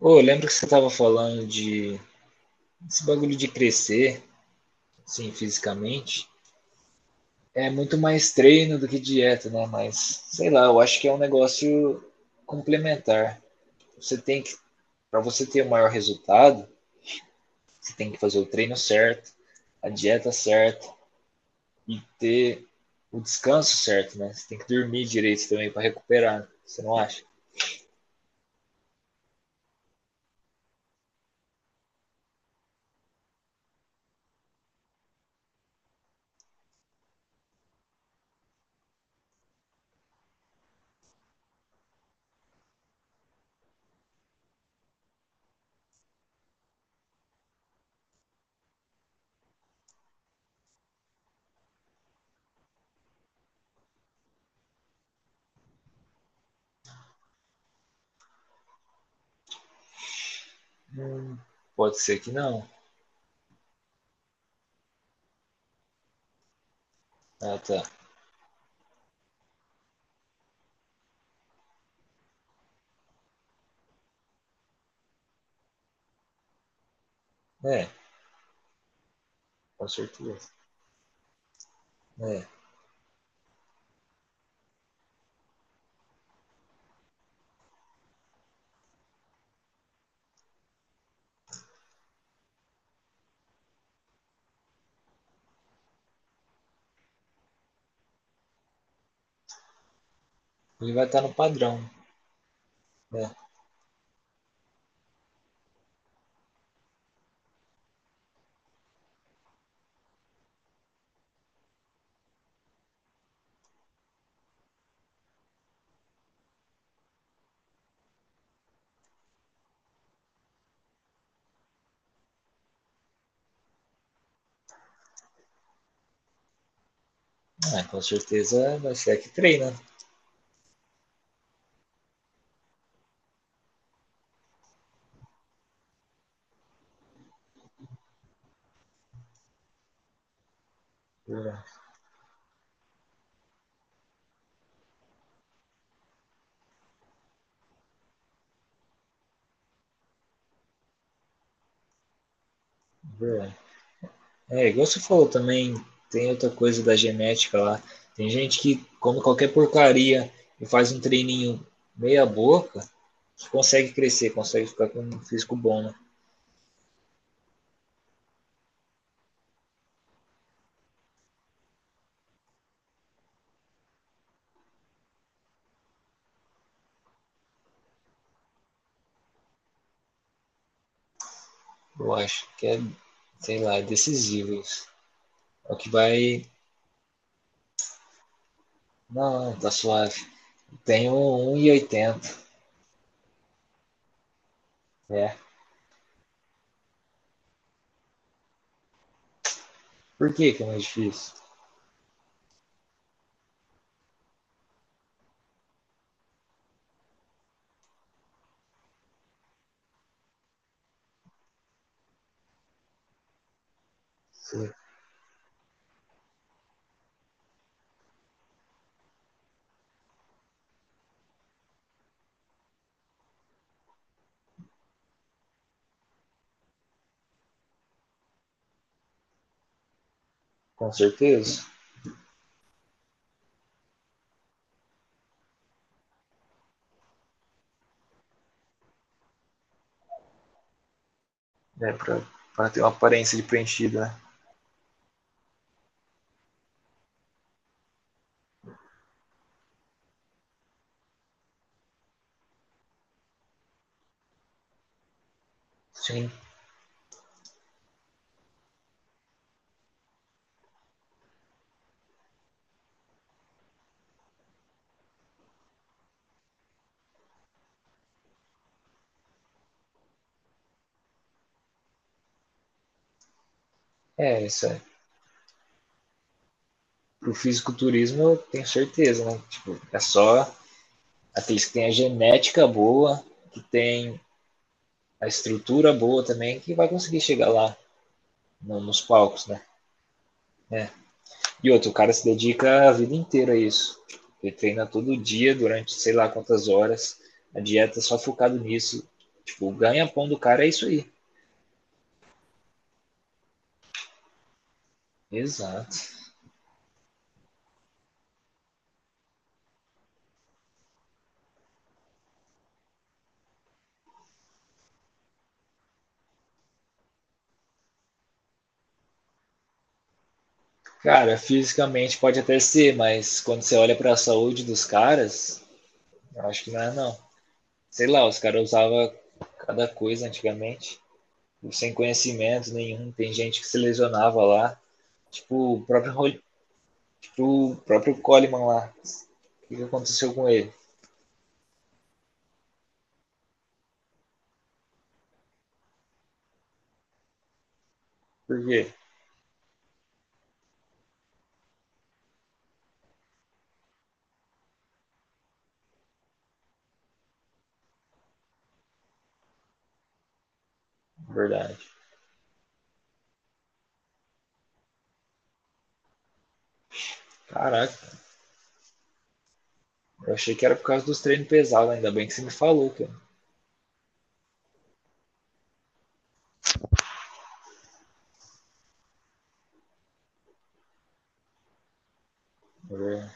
Ô, lembra que você estava falando de esse bagulho de crescer, assim, fisicamente? É muito mais treino do que dieta, né? Mas, sei lá, eu acho que é um negócio complementar. Você tem que, para você ter o maior resultado, você tem que fazer o treino certo, a dieta certa e ter o descanso certo, né? Você tem que dormir direito também para recuperar, você não acha? Hum. Pode ser que não. Ah, tá. É, com certeza. É. Ele vai estar no padrão, né? Ah, com certeza vai ser a que treina. É, igual você falou também, tem outra coisa da genética lá. Tem gente que come qualquer porcaria e faz um treininho meia boca, consegue crescer, consegue ficar com um físico bom, né? Eu acho que é, sei lá, é decisivo isso. É o que vai. Não, tá suave. Tenho um e oitenta. É. Por que que é mais difícil? Sim. Com certeza. É, pra ter uma aparência de preenchida, né? Sim. É, isso é. Pro fisiculturismo eu tenho certeza, né? Tipo, é só aqueles que tem a genética boa, que tem a estrutura boa também, que vai conseguir chegar lá nos palcos, né? É. E outro, o cara se dedica a vida inteira a isso. Ele treina todo dia, durante sei lá quantas horas, a dieta é só focado nisso. Tipo, o ganha-pão do cara é isso aí. Exato. Cara, fisicamente pode até ser, mas quando você olha pra saúde dos caras, eu acho que não é não. Sei lá, os caras usavam cada coisa antigamente, sem conhecimento nenhum. Tem gente que se lesionava lá. Tipo, o próprio, tipo, o próprio Coleman lá. O que, que aconteceu com ele? Por quê? Verdade. Caraca, eu achei que era por causa dos treinos pesados, ainda bem que você me falou, cara. É.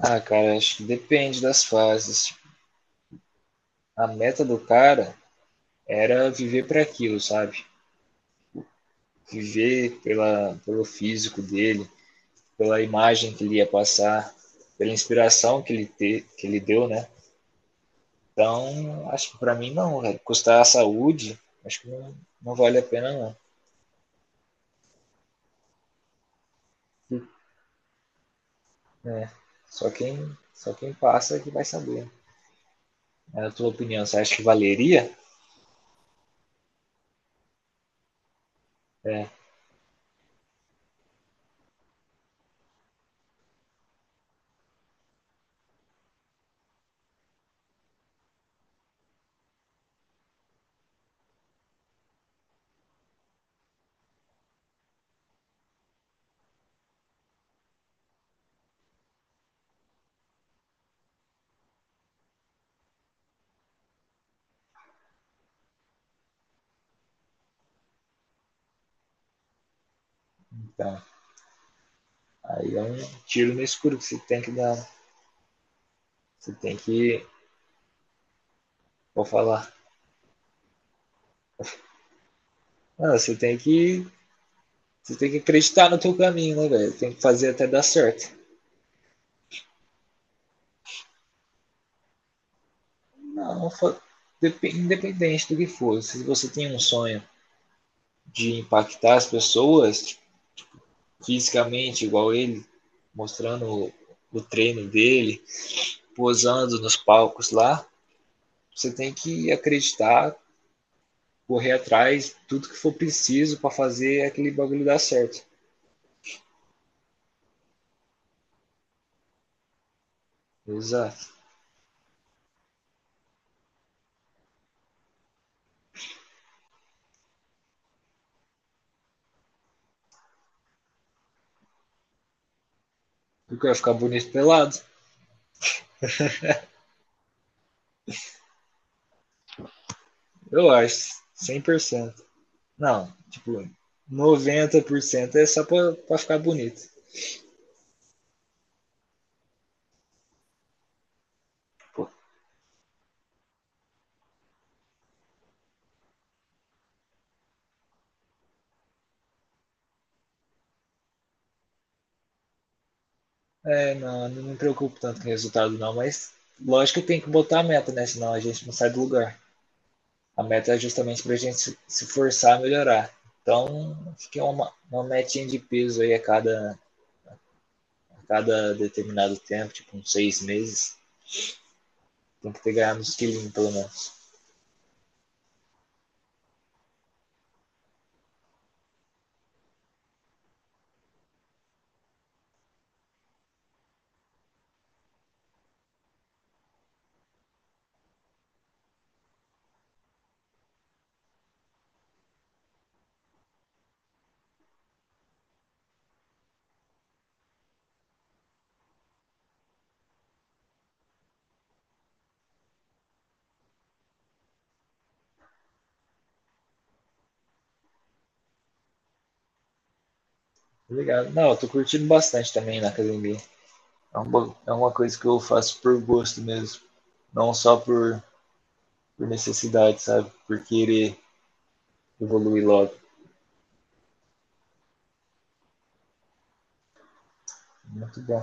Ah, cara, acho que depende das fases. A meta do cara era viver para aquilo, sabe? Viver pelo físico dele, pela imagem que ele ia passar, pela inspiração que ele, que ele deu, né? Então, acho que para mim não, velho. Custar a saúde, acho que não, não vale a pena não. Né? Só quem só quem passa é que vai saber. Na tua opinião, você acha que valeria? É, então, aí é um tiro no escuro que você tem que dar. Você tem que, vou falar, não, você tem que acreditar no teu caminho, né, velho? Tem que fazer até dar certo. Não, não independente do que for, se você tem um sonho de impactar as pessoas tipo, fisicamente, igual ele, mostrando o treino dele, posando nos palcos lá. Você tem que acreditar, correr atrás, tudo que for preciso para fazer aquele bagulho dar certo. Exato. Porque vai ficar bonito pelado? Eu acho, 100%. Não, tipo, 90% é só pra ficar bonito. Pô, é, não, não me preocupo tanto com o resultado não, mas lógico que tem que botar a meta, né? Senão a gente não sai do lugar. A meta é justamente para a gente se forçar a melhorar. Então, acho que é uma metinha de peso aí a cada determinado tempo, tipo uns 6 meses. Tem que ter ganhado uns quilinhos, pelo menos. Obrigado. Não, eu tô curtindo bastante também na academia. É uma coisa que eu faço por gosto mesmo. Não só por necessidade, sabe? Por querer evoluir logo. Muito bom.